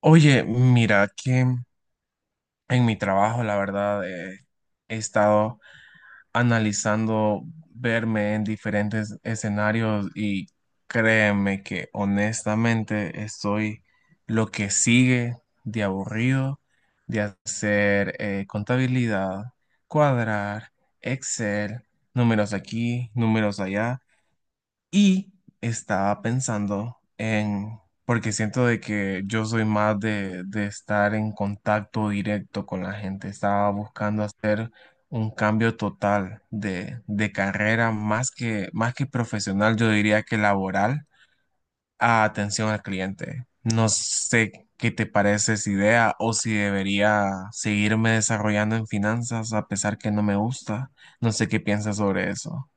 Oye, mira que en mi trabajo, la verdad, he estado analizando verme en diferentes escenarios y créeme que honestamente estoy lo que sigue de aburrido de hacer contabilidad, cuadrar, Excel, números aquí, números allá. Y estaba pensando en, porque siento de que yo soy más de estar en contacto directo con la gente, estaba buscando hacer un cambio total de carrera, más que profesional, yo diría que laboral, a atención al cliente. No sé qué te parece esa idea o si debería seguirme desarrollando en finanzas a pesar que no me gusta. No sé qué piensas sobre eso.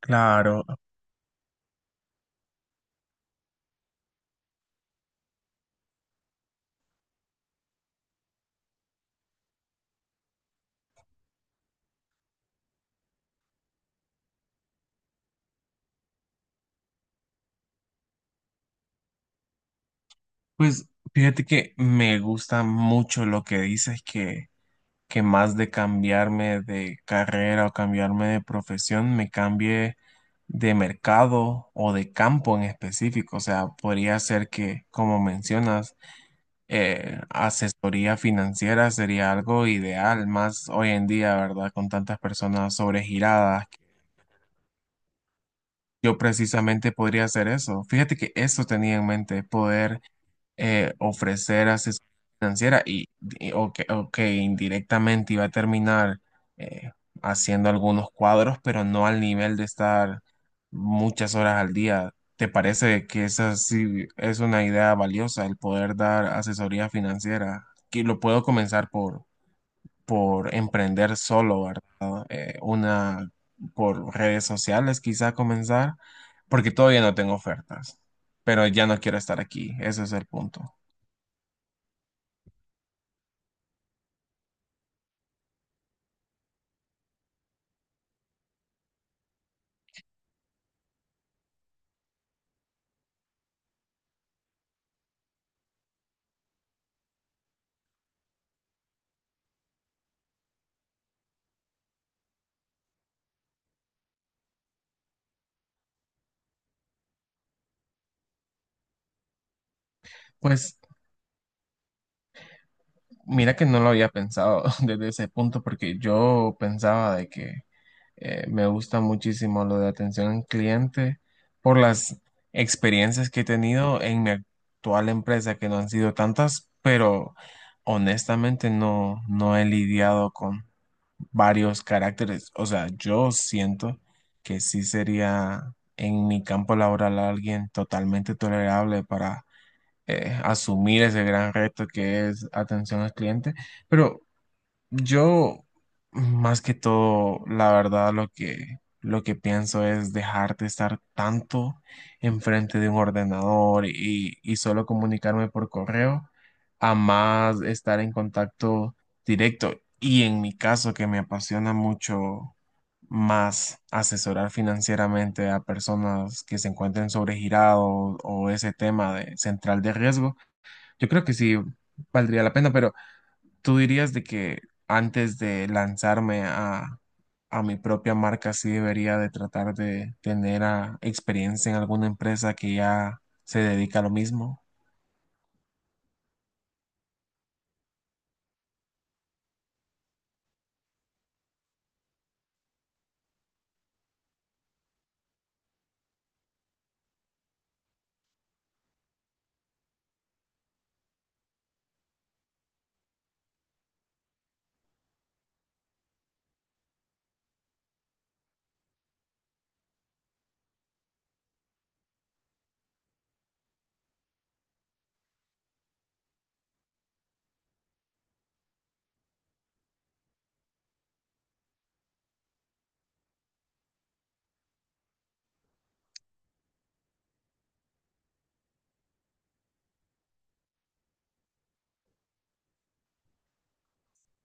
Claro. Pues fíjate que me gusta mucho lo que dices que más de cambiarme de carrera o cambiarme de profesión, me cambie de mercado o de campo en específico. O sea, podría ser que, como mencionas, asesoría financiera sería algo ideal, más hoy en día, ¿verdad? Con tantas personas sobregiradas. Yo precisamente podría hacer eso. Fíjate que eso tenía en mente, poder ofrecer asesoría financiera o que indirectamente iba a terminar eh, haciendo algunos cuadros, pero no al nivel de estar muchas horas al día. ¿Te parece que esa sí es una idea valiosa, el poder dar asesoría financiera? Que lo puedo comenzar por emprender solo, ¿verdad? Una por redes sociales quizá comenzar, porque todavía no tengo ofertas, pero ya no quiero estar aquí, ese es el punto. Pues mira que no lo había pensado desde ese punto porque yo pensaba de que me gusta muchísimo lo de atención al cliente por las experiencias que he tenido en mi actual empresa que no han sido tantas, pero honestamente no he lidiado con varios caracteres. O sea, yo siento que sí sería en mi campo laboral alguien totalmente tolerable para asumir ese gran reto que es atención al cliente. Pero yo, más que todo, la verdad, lo que pienso es dejar de estar tanto enfrente de un ordenador y solo comunicarme por correo, a más estar en contacto directo. Y en mi caso, que me apasiona mucho más asesorar financieramente a personas que se encuentren sobregirados o ese tema de central de riesgo, yo creo que sí valdría la pena, pero tú dirías de que antes de lanzarme a mi propia marca, sí debería de tratar de tener experiencia en alguna empresa que ya se dedica a lo mismo.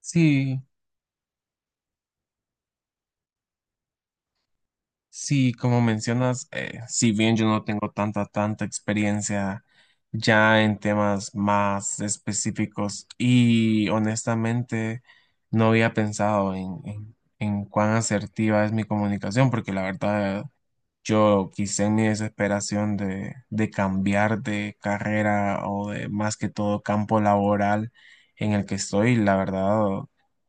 Sí, sí, como mencionas, si bien yo no tengo tanta experiencia ya en temas más específicos y honestamente no había pensado en cuán asertiva es mi comunicación, porque la verdad yo quizá en mi desesperación de cambiar de carrera o de más que todo campo laboral en el que estoy, la verdad,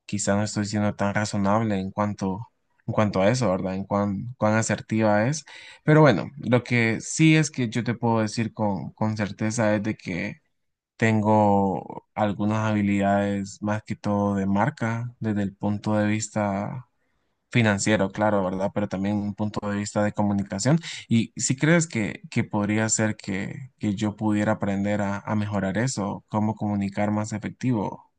quizá no estoy siendo tan razonable en cuanto a eso, ¿verdad? En cuán asertiva es. Pero bueno, lo que sí es que yo te puedo decir con certeza es de que tengo algunas habilidades más que todo de marca desde el punto de vista financiero, claro, ¿verdad? Pero también un punto de vista de comunicación. ¿Y si crees que podría ser que yo pudiera aprender a mejorar eso? ¿Cómo comunicar más efectivo?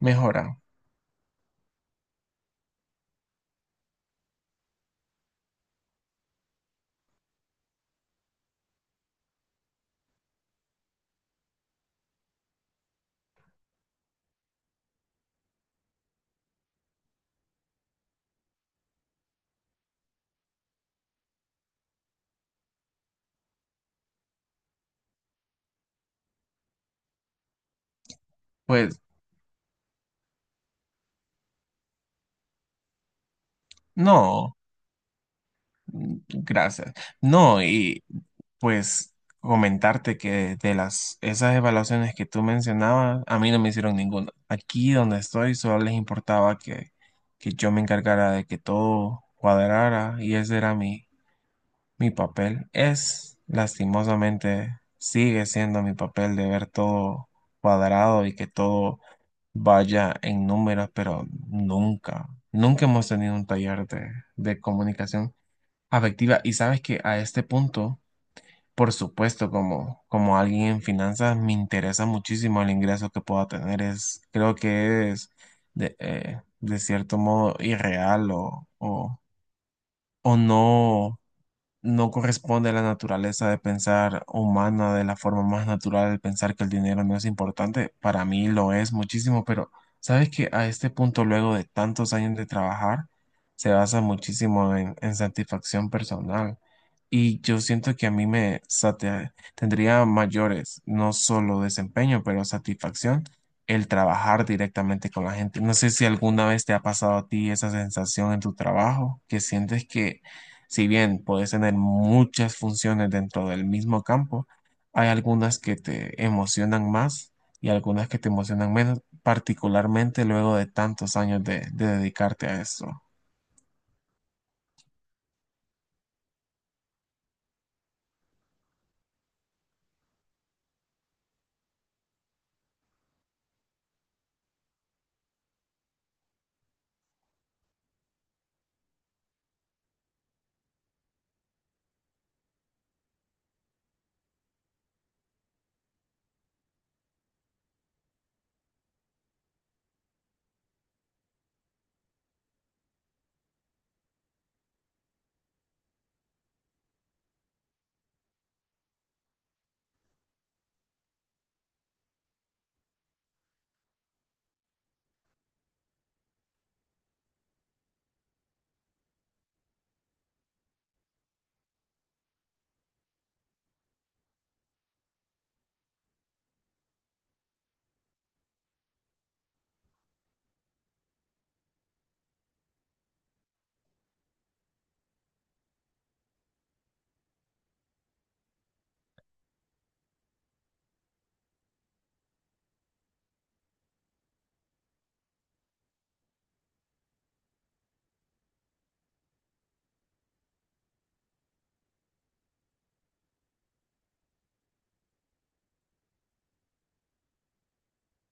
¿Mejora? Pues no, mm, gracias. No, y pues comentarte que de las esas evaluaciones que tú mencionabas, a mí no me hicieron ninguna. Aquí donde estoy solo les importaba que yo me encargara de que todo cuadrara y ese era mi mi papel es, lastimosamente, sigue siendo mi papel de ver todo cuadrado y que todo vaya en números, pero nunca hemos tenido un taller de comunicación afectiva. Y sabes que a este punto, por supuesto, como alguien en finanzas, me interesa muchísimo el ingreso que pueda tener. Es, creo que es de cierto modo irreal o no no corresponde a la naturaleza de pensar humana de la forma más natural de pensar que el dinero no es importante. Para mí lo es muchísimo, pero sabes que a este punto, luego de tantos años de trabajar, se basa muchísimo en satisfacción personal. Y yo siento que a mí tendría mayores, no solo desempeño, pero satisfacción el trabajar directamente con la gente. No sé si alguna vez te ha pasado a ti esa sensación en tu trabajo, que sientes que si bien puedes tener muchas funciones dentro del mismo campo, hay algunas que te emocionan más y algunas que te emocionan menos, particularmente luego de tantos años de dedicarte a esto.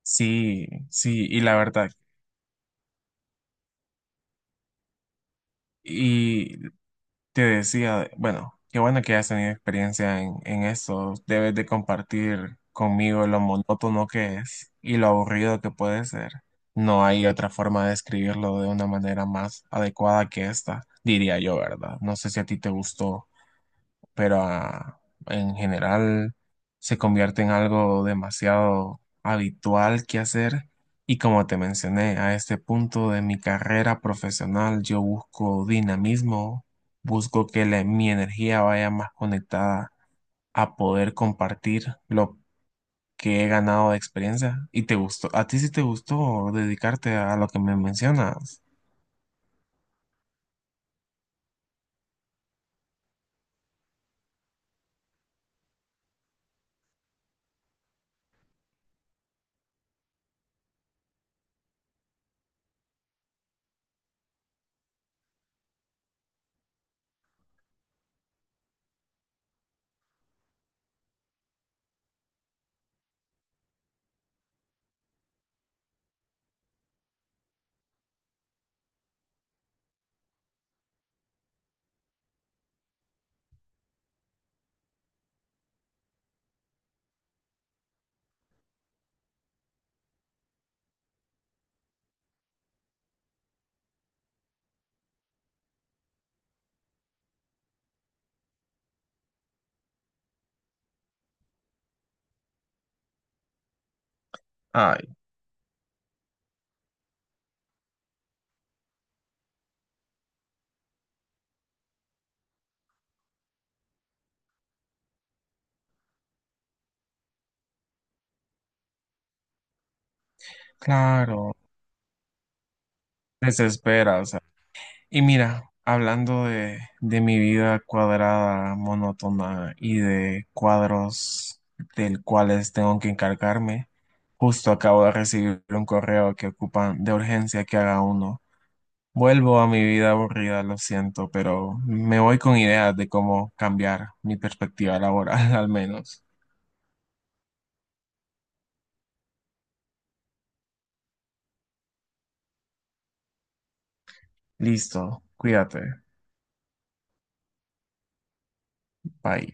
Sí, sí, y la verdad, y te decía, bueno, qué bueno que has tenido experiencia en eso. Debes de compartir conmigo lo monótono que es y lo aburrido que puede ser. No hay otra forma de describirlo de una manera más adecuada que esta, diría yo, ¿verdad? No sé si a ti te gustó, pero en general se convierte en algo demasiado habitual que hacer. Y como te mencioné, a este punto de mi carrera profesional yo busco dinamismo, busco que mi energía vaya más conectada a poder compartir lo que he ganado de experiencia. ¿Y te gustó? ¿A ti sí te gustó dedicarte a lo que me mencionas? Ay, claro, desesperas. Y mira, hablando de mi vida cuadrada, monótona y de cuadros del cuales tengo que encargarme, justo acabo de recibir un correo que ocupan de urgencia que haga uno. Vuelvo a mi vida aburrida, lo siento, pero me voy con ideas de cómo cambiar mi perspectiva laboral, al menos. Listo, cuídate, bye.